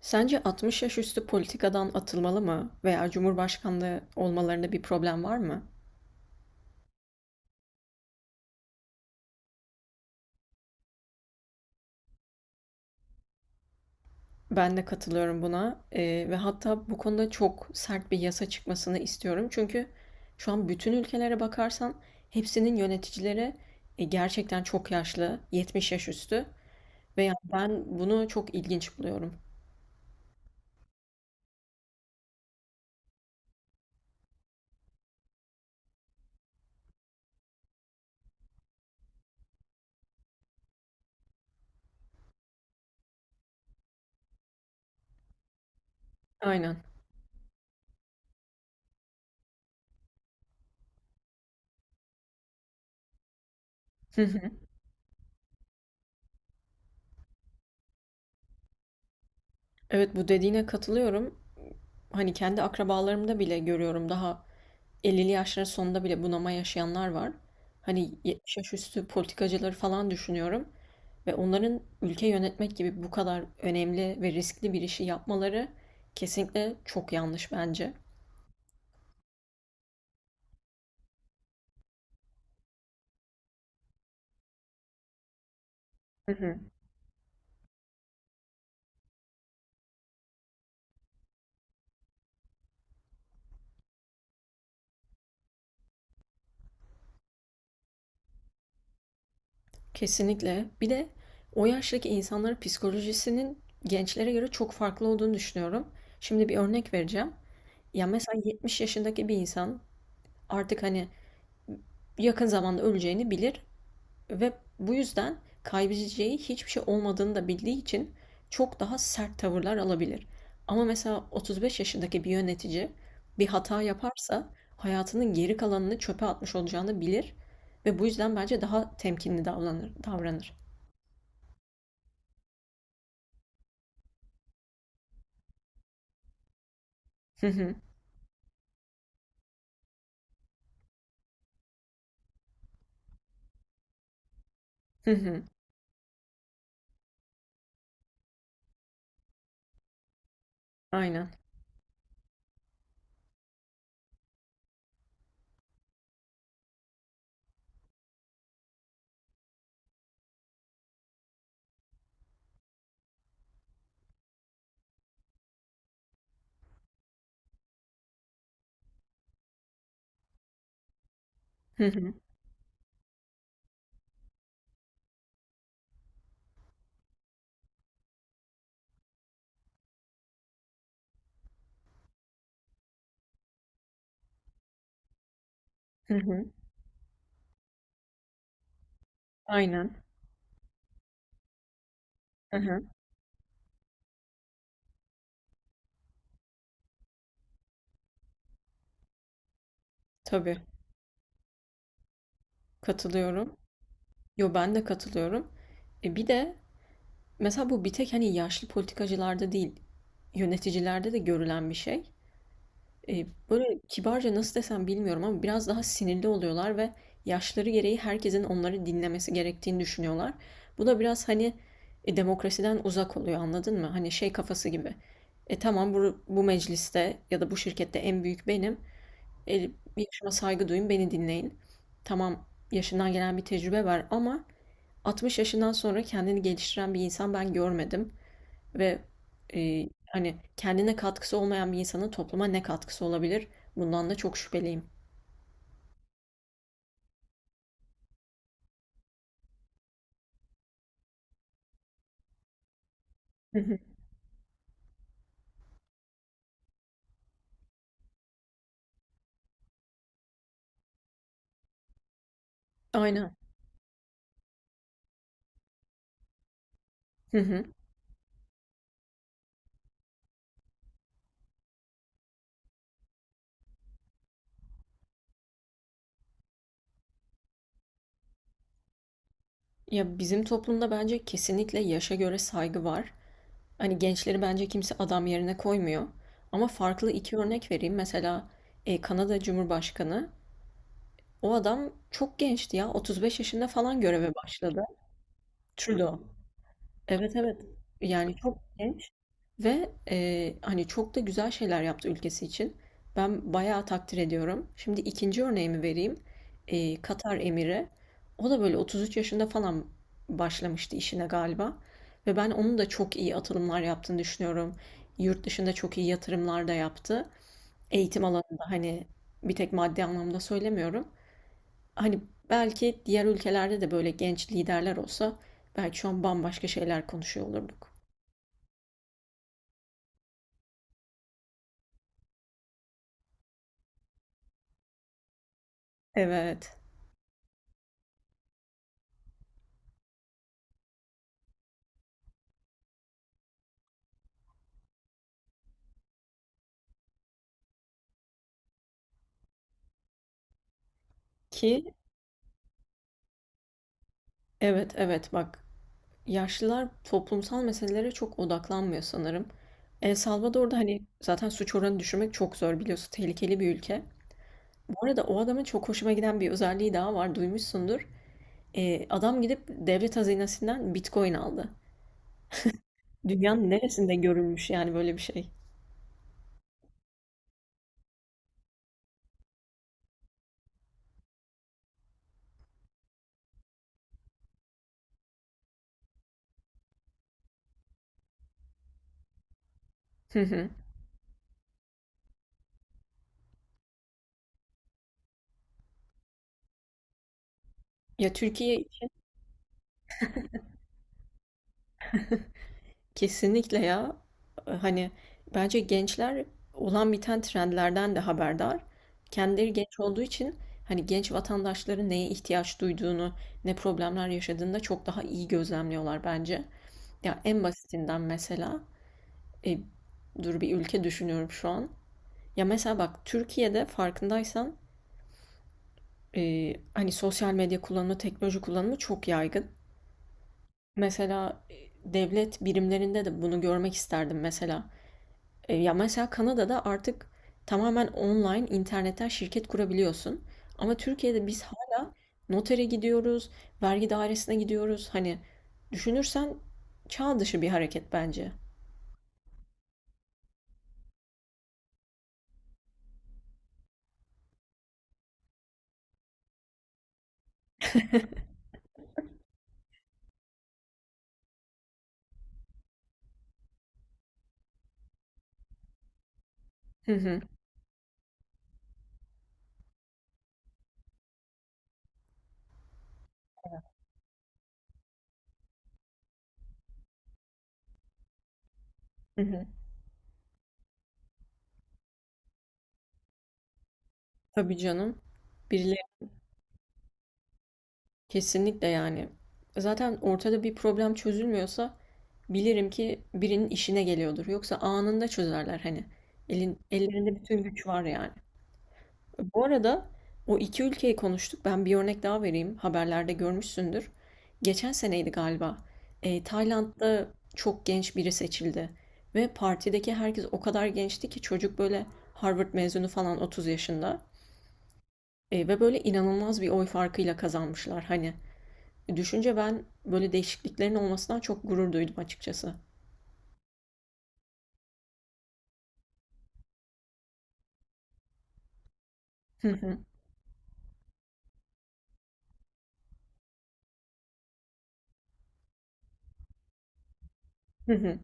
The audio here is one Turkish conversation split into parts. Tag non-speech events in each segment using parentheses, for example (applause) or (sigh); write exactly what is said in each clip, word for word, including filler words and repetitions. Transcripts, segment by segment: Sence altmış yaş üstü politikadan atılmalı mı veya Cumhurbaşkanlığı olmalarında bir problem var mı? Ben de katılıyorum buna. Ee, ve hatta bu konuda çok sert bir yasa çıkmasını istiyorum. Çünkü şu an bütün ülkelere bakarsan hepsinin yöneticileri e, gerçekten çok yaşlı, yetmiş yaş üstü ve yani ben bunu çok ilginç buluyorum. Aynen. (laughs) Hı hı. Evet, bu dediğine katılıyorum. Hani kendi akrabalarımda bile görüyorum, daha ellili yaşların sonunda bile bunama yaşayanlar var. Hani yetmiş yaş üstü politikacıları falan düşünüyorum ve onların ülke yönetmek gibi bu kadar önemli ve riskli bir işi yapmaları kesinlikle çok yanlış bence. Hı hı. Kesinlikle. Bir de o yaştaki insanların psikolojisinin gençlere göre çok farklı olduğunu düşünüyorum. Şimdi bir örnek vereceğim. Ya mesela yetmiş yaşındaki bir insan artık hani yakın zamanda öleceğini bilir. Ve bu yüzden kaybedeceği hiçbir şey olmadığını da bildiği için çok daha sert tavırlar alabilir. Ama mesela otuz beş yaşındaki bir yönetici bir hata yaparsa hayatının geri kalanını çöpe atmış olacağını bilir ve bu yüzden bence daha temkinli davranır. davranır. Hı hı, hı hı, aynen. Hı hı, hı hı, aynen. Hı hı. Tabii, katılıyorum. Yo, ben de katılıyorum. E bir de mesela bu bir tek hani yaşlı politikacılarda değil, yöneticilerde de görülen bir şey. E, böyle kibarca nasıl desem bilmiyorum ama biraz daha sinirli oluyorlar ve yaşları gereği herkesin onları dinlemesi gerektiğini düşünüyorlar. Bu da biraz hani e, demokrasiden uzak oluyor, anladın mı? Hani şey kafası gibi. E tamam, bu, bu mecliste ya da bu şirkette en büyük benim. E, Yaşıma saygı duyun, beni dinleyin. Tamam, yaşından gelen bir tecrübe var ama altmış yaşından sonra kendini geliştiren bir insan ben görmedim. Ve e, hani kendine katkısı olmayan bir insanın topluma ne katkısı olabilir? Bundan da çok şüpheliyim. Hı hı. Aynen. Hı hı. Ya, bizim toplumda bence kesinlikle yaşa göre saygı var. Hani gençleri bence kimse adam yerine koymuyor. Ama farklı iki örnek vereyim. Mesela e, Kanada Cumhurbaşkanı. O adam çok gençti ya. otuz beş yaşında falan göreve başladı. Trudeau. Evet, evet. Yani çok genç. Ve eee, hani çok da güzel şeyler yaptı ülkesi için. Ben bayağı takdir ediyorum. Şimdi ikinci örneğimi vereyim. Eee, Katar Emiri. O da böyle otuz üç yaşında falan başlamıştı işine galiba. Ve ben onun da çok iyi atılımlar yaptığını düşünüyorum. Yurt dışında çok iyi yatırımlar da yaptı. Eğitim alanında, hani bir tek maddi anlamda söylemiyorum. Hani belki diğer ülkelerde de böyle genç liderler olsa belki şu an bambaşka şeyler konuşuyor olurduk. Evet. Ki evet, evet. Bak, yaşlılar toplumsal meselelere çok odaklanmıyor sanırım. El Salvador'da hani zaten suç oranı düşürmek çok zor, biliyorsun. Tehlikeli bir ülke. Bu arada o adamın çok hoşuma giden bir özelliği daha var. Duymuşsundur. Ee, adam gidip devlet hazinesinden Bitcoin aldı. Dünyanın neresinde görülmüş yani böyle bir şey? Hı hı. Ya, Türkiye kesinlikle ya. Hani bence gençler olan biten trendlerden de haberdar. Kendileri genç olduğu için hani genç vatandaşların neye ihtiyaç duyduğunu, ne problemler yaşadığını da çok daha iyi gözlemliyorlar bence. Ya en basitinden mesela e, dur, bir ülke düşünüyorum şu an. Ya mesela bak, Türkiye'de farkındaysan e, hani sosyal medya kullanımı, teknoloji kullanımı çok yaygın. Mesela e, devlet birimlerinde de bunu görmek isterdim mesela. E, Ya mesela Kanada'da artık tamamen online internetten şirket kurabiliyorsun. Ama Türkiye'de biz hala notere gidiyoruz, vergi dairesine gidiyoruz. Hani düşünürsen çağ dışı bir hareket bence. Hı hı, hı hı. Tabii canım. Birileri kesinlikle yani. Zaten ortada bir problem çözülmüyorsa bilirim ki birinin işine geliyordur. Yoksa anında çözerler hani. Elin, ellerinde bütün güç var yani. Bu arada o iki ülkeyi konuştuk. Ben bir örnek daha vereyim. Haberlerde görmüşsündür. Geçen seneydi galiba. E, Tayland'da çok genç biri seçildi. Ve partideki herkes o kadar gençti ki çocuk böyle Harvard mezunu falan, otuz yaşında. E, ve böyle inanılmaz bir oy farkıyla kazanmışlar. Hani düşünce ben böyle değişikliklerin olmasından çok gurur duydum açıkçası. Hı hı, hı hı.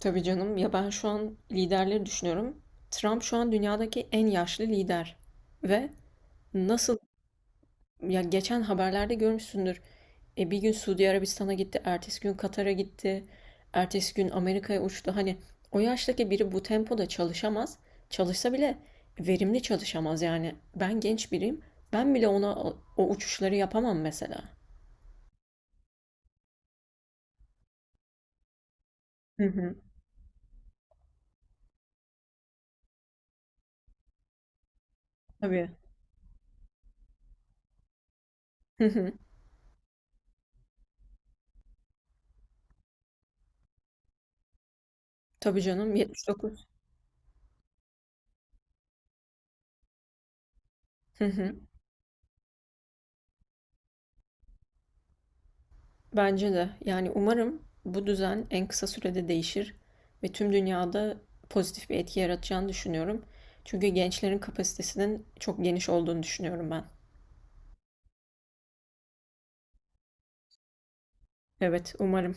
Tabii canım, ya ben şu an liderleri düşünüyorum. Trump şu an dünyadaki en yaşlı lider. Ve nasıl, ya geçen haberlerde görmüşsündür. E, bir gün Suudi Arabistan'a gitti, ertesi gün Katar'a gitti, ertesi gün Amerika'ya uçtu. Hani o yaştaki biri bu tempoda çalışamaz. Çalışsa bile verimli çalışamaz yani. Ben genç biriyim. Ben bile ona o, o uçuşları yapamam mesela. Hı hı. Tabii. Hı hı. Tabii canım, yetmiş dokuz. Hı hı. Bence de. Yani umarım bu düzen en kısa sürede değişir ve tüm dünyada pozitif bir etki yaratacağını düşünüyorum. Çünkü gençlerin kapasitesinin çok geniş olduğunu düşünüyorum ben. Evet, umarım.